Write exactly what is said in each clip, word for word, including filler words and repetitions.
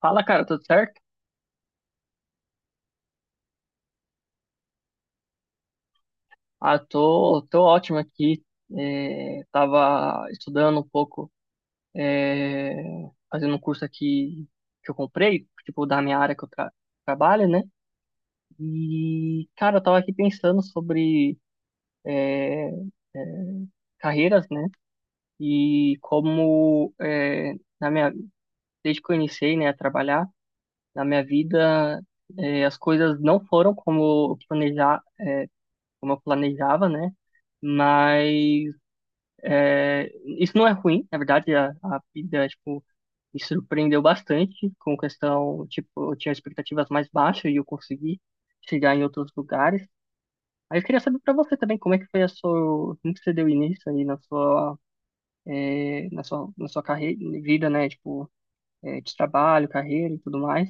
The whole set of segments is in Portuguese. Fala, cara, tudo certo? Ah, tô, tô ótimo aqui. É, tava estudando um pouco, é, fazendo um curso aqui que eu comprei, tipo, da minha área que eu tra trabalho, né? E, cara, eu tava aqui pensando sobre é, é, carreiras, né? E como, é, na minha, desde que eu iniciei, né, a trabalhar, na minha vida, é, as coisas não foram como eu planejar, é, como eu planejava, né? Mas é, isso não é ruim, na verdade, a, a vida, tipo, me surpreendeu bastante com questão, tipo, eu tinha expectativas mais baixas e eu consegui chegar em outros lugares. Aí eu queria saber para você também como é que foi a sua, como que você deu início aí na sua, é, na sua, na sua carreira, vida, né? Tipo, é, de trabalho, carreira e tudo mais,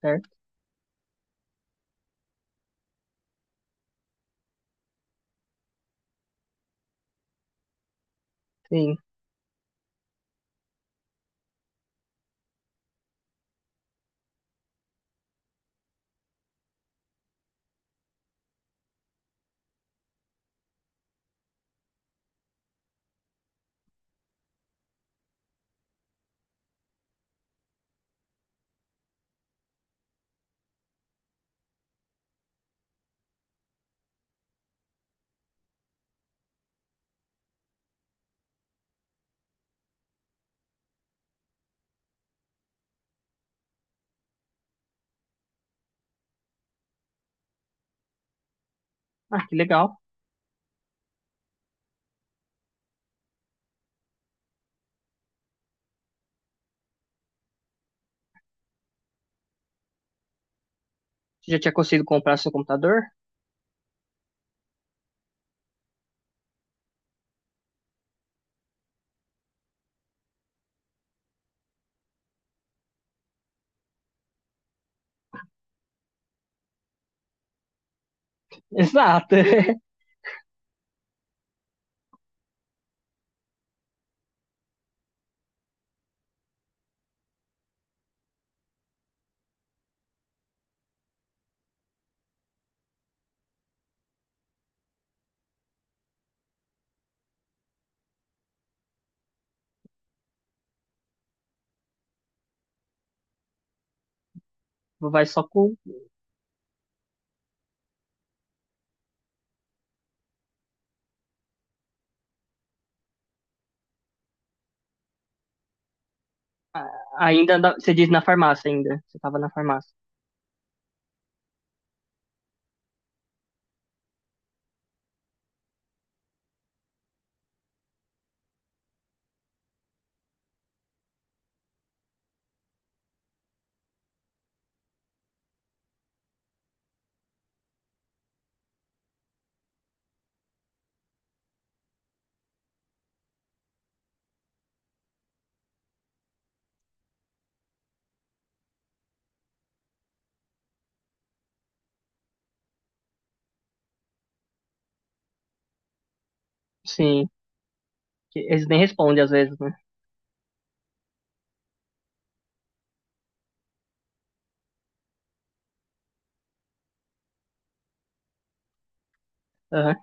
certo? Sim. Ah, que legal. Você já tinha conseguido comprar seu computador? Exato. Vai só com... A- Ainda, da- você diz na farmácia ainda. Você tava na farmácia. Sim, que eles nem respondem às vezes, né? Aham.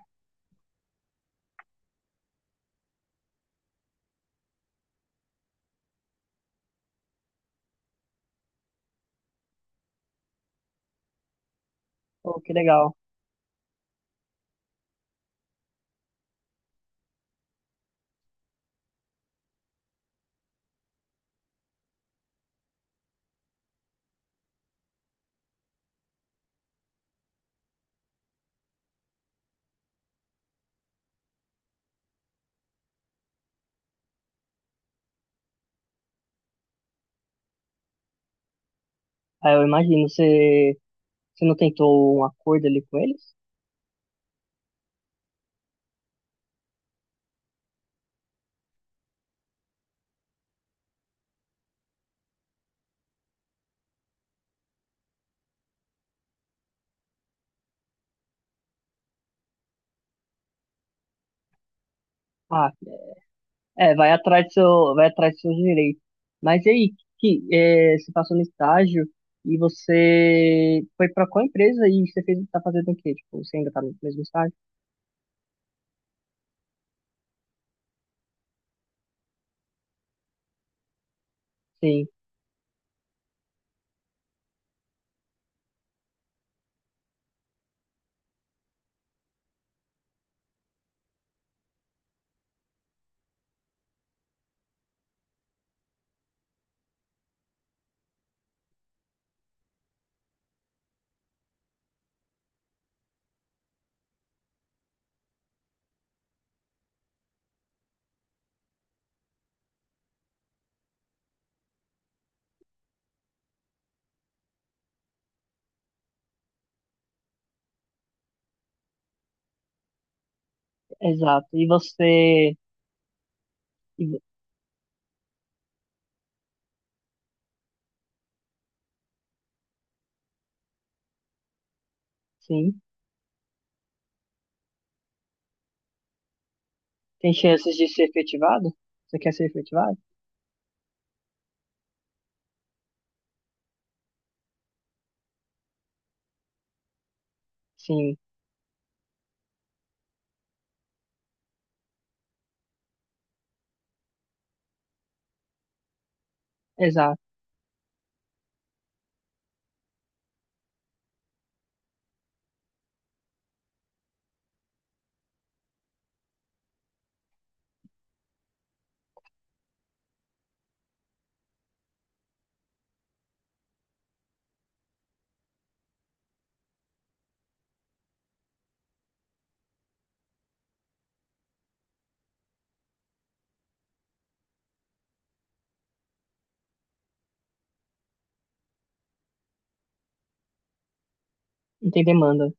Pô, que legal. Ah, eu imagino, você, você não tentou um acordo ali com eles? Ah, é, vai atrás do seu, vai atrás dos seus direitos. Mas e aí, que, é, você passou no estágio e você foi pra qual empresa e você fez, tá fazendo o quê? Tipo, você ainda tá no mesmo estágio? Sim, exato. E você, e vo- sim, tem chances de ser efetivado? Você quer ser efetivado? Sim. Exato, não tem demanda.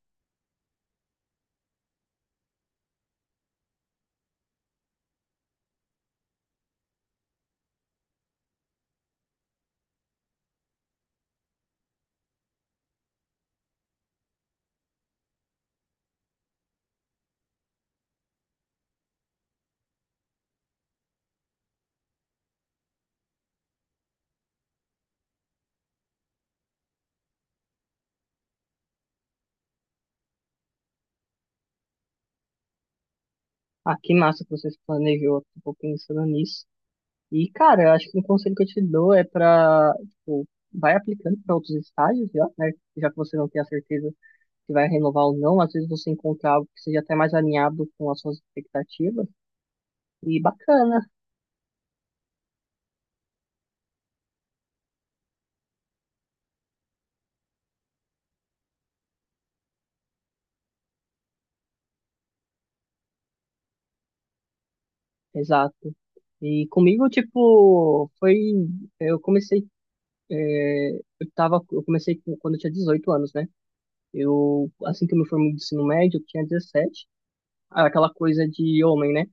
Ah, que massa que você planejou, tipo, pensando nisso. E, cara, eu acho que um conselho que eu te dou é pra, tipo, vai aplicando para outros estágios, já, né? Já que você não tem a certeza se vai renovar ou não, às vezes você encontra algo que seja até mais alinhado com as suas expectativas. E bacana, exato. E comigo, tipo, foi. Eu comecei. é, eu tava, eu comecei com- quando eu tinha dezoito anos, né? Eu, assim que eu me formei do ensino médio, eu tinha dezessete. Ah, aquela coisa de homem, né?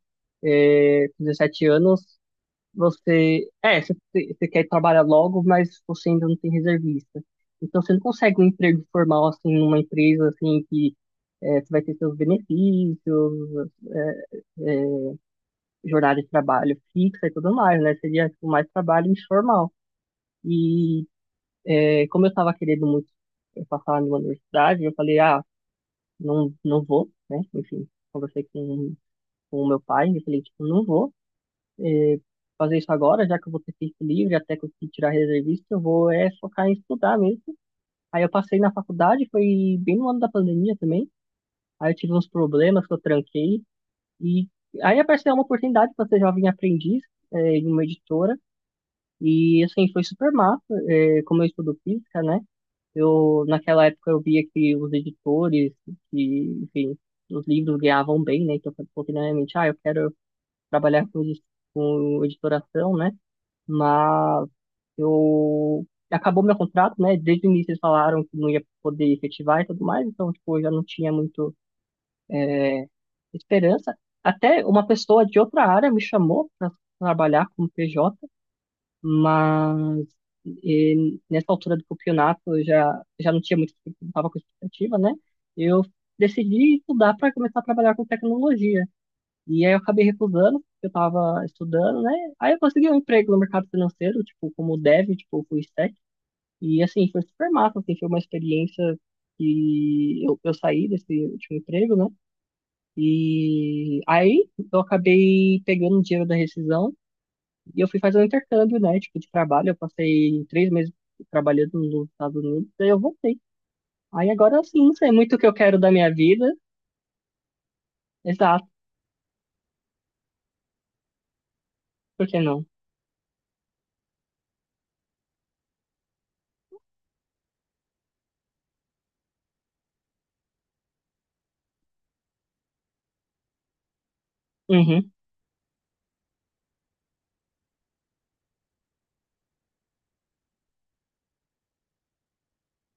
É, dezessete anos, você. É, você, você quer trabalhar logo, mas você ainda não tem reservista. Então você não consegue um emprego formal assim numa empresa assim que é, você vai ter seus benefícios, é, é, jornada de trabalho fixa e tudo mais, né? Seria tipo, mais trabalho informal. E é, como eu estava querendo muito passar numa universidade, eu falei, ah, não, não vou, né? Enfim, conversei com com o meu pai, eu falei, tipo, não vou eh, fazer isso agora, já que eu vou ter tempo livre, até conseguir tirar reservista, eu vou é focar em estudar mesmo. Aí eu passei na faculdade, foi bem no ano da pandemia também, aí eu tive uns problemas que eu tranquei, e aí apareceu uma oportunidade para ser jovem aprendiz eh, em uma editora, e assim, foi super massa, eh, como eu estudo física, né? Eu, naquela época eu via que os editores, que, enfim, os livros ganhavam bem, né? Então eu falei, pô, que, né, ah, eu quero trabalhar com, edit- com editoração, né? Mas eu acabou meu contrato, né? Desde o início eles falaram que não ia poder efetivar e tudo mais, então tipo, eu já não tinha muito é, esperança. Até uma pessoa de outra área me chamou para trabalhar como P J, mas e nessa altura do campeonato eu já já não tinha muito, não estava com expectativa, né? Eu decidi estudar para começar a trabalhar com tecnologia. E aí eu acabei recusando, porque eu tava estudando, né? Aí eu consegui um emprego no mercado financeiro, tipo, como dev, tipo, full stack. E assim, foi super massa, assim, foi uma experiência que eu, eu saí desse último emprego, né? E aí eu acabei pegando o dinheiro da rescisão e eu fui fazer um intercâmbio, né? Tipo, de trabalho. Eu passei três meses trabalhando nos Estados Unidos, daí eu voltei. Aí agora assim não sei muito o que eu quero da minha vida. Exato, por que não? Uhum.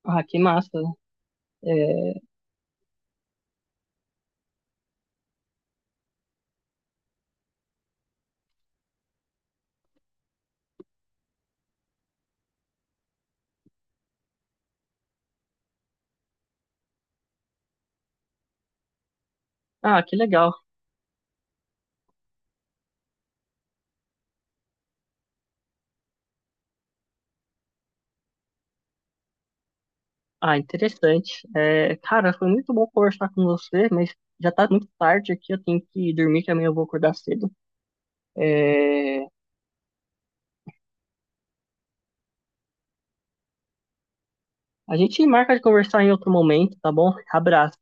Ah, que massa. É... Ah, que legal. Ah, interessante. É, cara, foi muito bom conversar com você, mas já tá muito tarde aqui, eu tenho que dormir, que amanhã eu vou acordar cedo. É, a gente marca de conversar em outro momento, tá bom? Abraço.